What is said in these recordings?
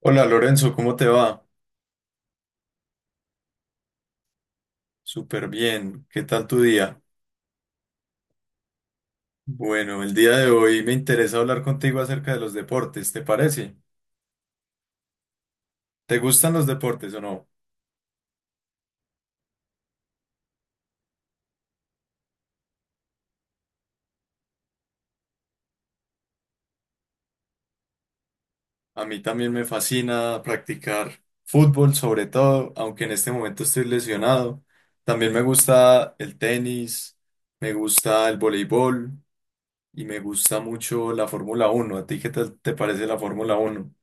Hola Lorenzo, ¿cómo te va? Súper bien, ¿qué tal tu día? Bueno, el día de hoy me interesa hablar contigo acerca de los deportes, ¿te parece? ¿Te gustan los deportes o no? A mí también me fascina practicar fútbol, sobre todo, aunque en este momento estoy lesionado. También me gusta el tenis, me gusta el voleibol y me gusta mucho la Fórmula Uno. ¿A ti qué tal te parece la Fórmula Uno?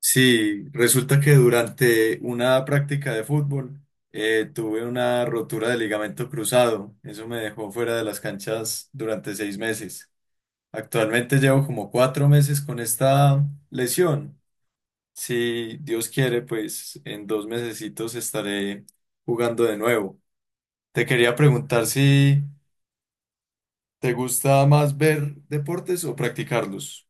Sí, resulta que durante una práctica de fútbol tuve una rotura de ligamento cruzado. Eso me dejó fuera de las canchas durante 6 meses. Actualmente llevo como 4 meses con esta lesión. Si Dios quiere, pues en dos mesecitos estaré jugando de nuevo. Te quería preguntar si te gusta más ver deportes o practicarlos.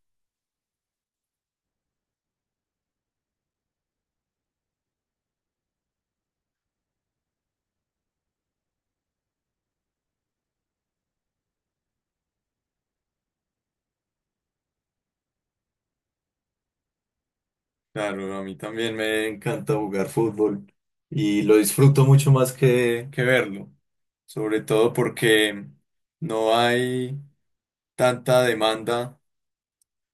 Claro, a mí también me encanta jugar fútbol y lo disfruto mucho más que verlo, sobre todo porque no hay tanta demanda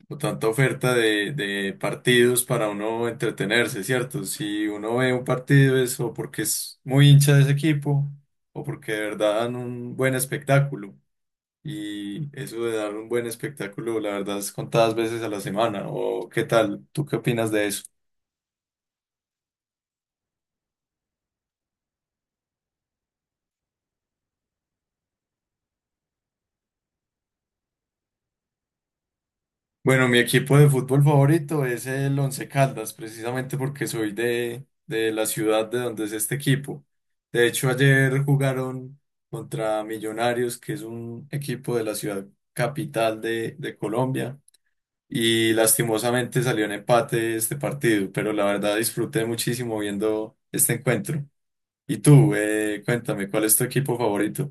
o tanta oferta de partidos para uno entretenerse, ¿cierto? Si uno ve un partido es o porque es muy hincha de ese equipo o porque de verdad dan un buen espectáculo y eso de dar un buen espectáculo, la verdad es contadas veces a la semana. ¿O qué tal? ¿Tú qué opinas de eso? Bueno, mi equipo de fútbol favorito es el Once Caldas, precisamente porque soy de la ciudad de donde es este equipo. De hecho, ayer jugaron contra Millonarios, que es un equipo de la ciudad capital de Colombia, y lastimosamente salió en empate este partido, pero la verdad disfruté muchísimo viendo este encuentro. Y tú, cuéntame, ¿cuál es tu equipo favorito?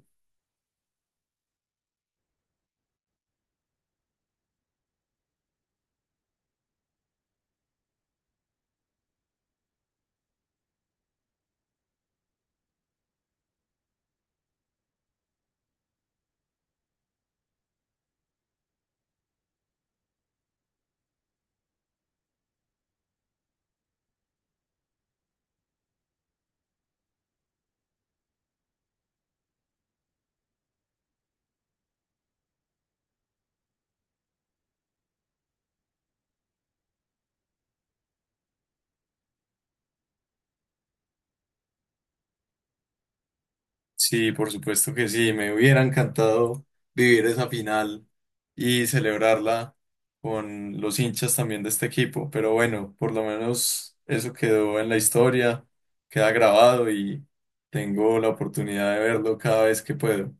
Sí, por supuesto que sí, me hubiera encantado vivir esa final y celebrarla con los hinchas también de este equipo, pero bueno, por lo menos eso quedó en la historia, queda grabado y tengo la oportunidad de verlo cada vez que puedo.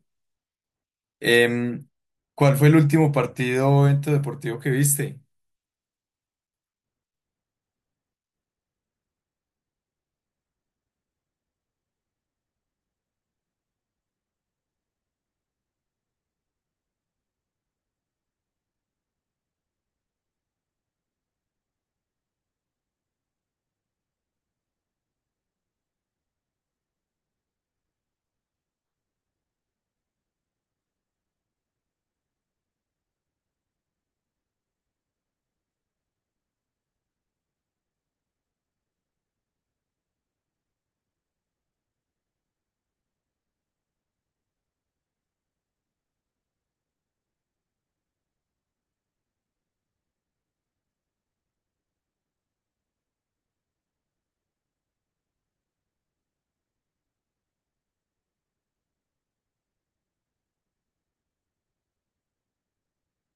Em, ¿Cuál fue el último partido o evento deportivo que viste?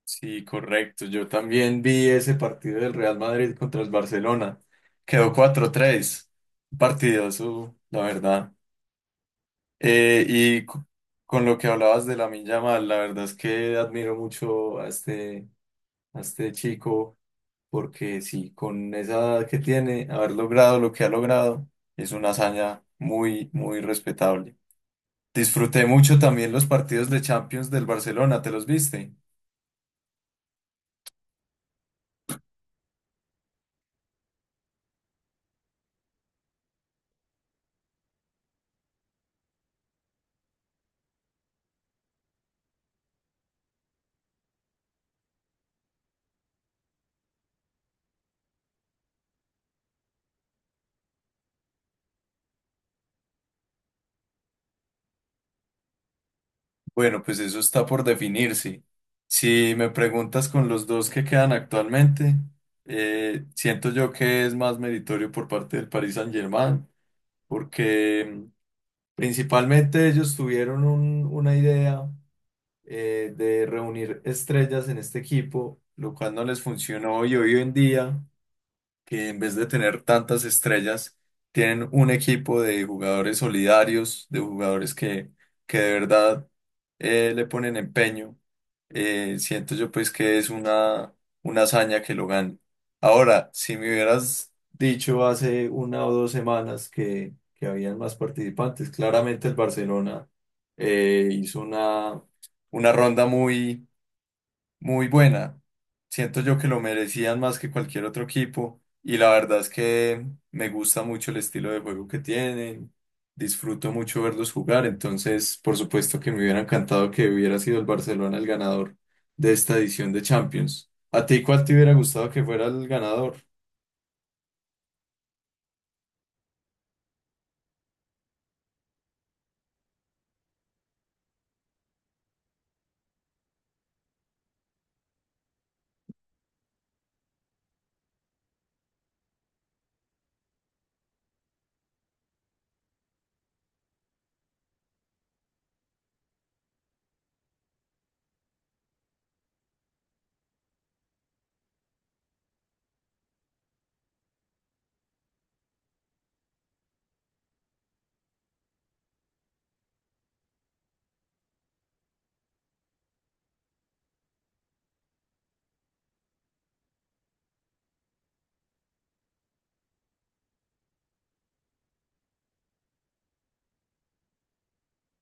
Sí, correcto, yo también vi ese partido del Real Madrid contra el Barcelona, quedó 4-3. Un partidazo, la verdad. Eh, y co- con lo que hablabas de la Yamal, la verdad es que admiro mucho a a este chico, porque sí, con esa edad que tiene, haber logrado lo que ha logrado, es una hazaña muy, muy respetable. Disfruté mucho también los partidos de Champions del Barcelona, ¿te los viste? Bueno, pues eso está por definirse. Si me preguntas con los dos que quedan actualmente, siento yo que es más meritorio por parte del Paris Saint-Germain porque principalmente ellos tuvieron una idea de reunir estrellas en este equipo, lo cual no les funcionó y hoy en día que en vez de tener tantas estrellas, tienen un equipo de jugadores solidarios, de jugadores que de verdad le ponen empeño. Siento yo pues que es una hazaña que lo gane. Ahora, si me hubieras dicho hace una o dos semanas que habían más participantes, claramente el Barcelona hizo una ronda muy muy buena. Siento yo que lo merecían más que cualquier otro equipo y la verdad es que me gusta mucho el estilo de juego que tienen. Disfruto mucho verlos jugar, entonces por supuesto que me hubiera encantado que hubiera sido el Barcelona el ganador de esta edición de Champions. ¿A ti cuál te hubiera gustado que fuera el ganador?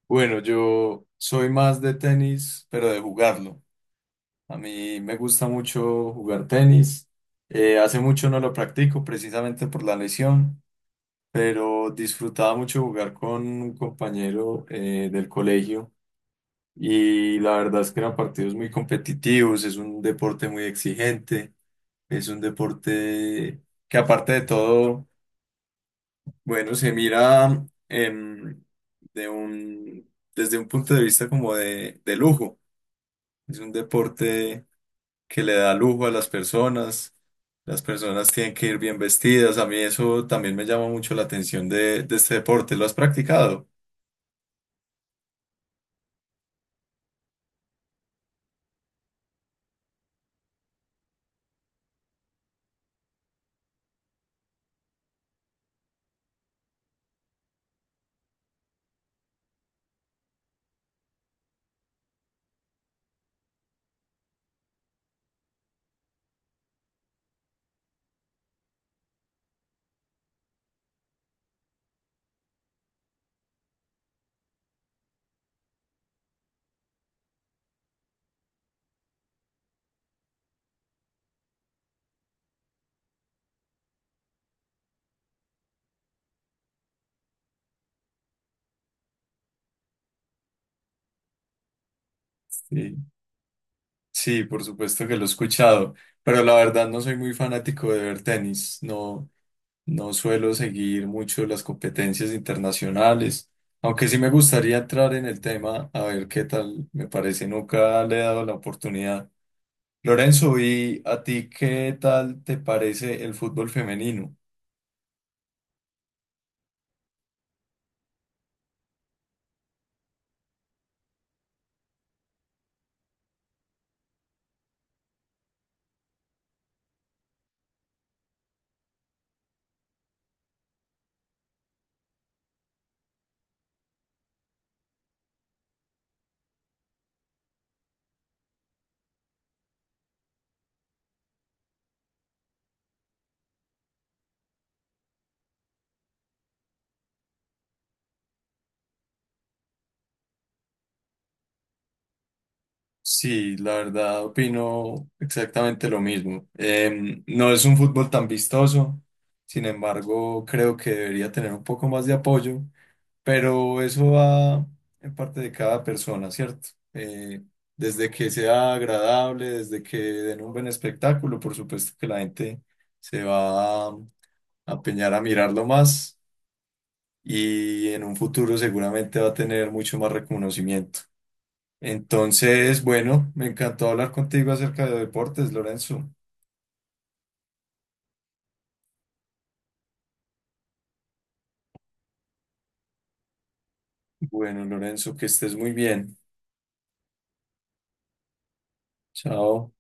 Bueno, yo soy más de tenis, pero de jugarlo. A mí me gusta mucho jugar tenis. Hace mucho no lo practico precisamente por la lesión, pero disfrutaba mucho jugar con un compañero del colegio y la verdad es que eran partidos muy competitivos, es un deporte muy exigente, es un deporte que aparte de todo, bueno, se mira desde un punto de vista como de lujo, es un deporte que le da lujo a las personas. Las personas tienen que ir bien vestidas. A mí eso también me llama mucho la atención de este deporte. ¿Lo has practicado? Sí. Sí, por supuesto que lo he escuchado, pero la verdad no soy muy fanático de ver tenis, no, no suelo seguir mucho las competencias internacionales, aunque sí me gustaría entrar en el tema a ver qué tal me parece, nunca le he dado la oportunidad. Lorenzo, ¿y a ti qué tal te parece el fútbol femenino? Sí, la verdad opino exactamente lo mismo. No es un fútbol tan vistoso, sin embargo creo que debería tener un poco más de apoyo. Pero eso va en parte de cada persona, ¿cierto? Desde que sea agradable, desde que den un buen espectáculo, por supuesto que la gente se va a empeñar a mirarlo más y en un futuro seguramente va a tener mucho más reconocimiento. Entonces, bueno, me encantó hablar contigo acerca de deportes, Lorenzo. Bueno, Lorenzo, que estés muy bien. Chao.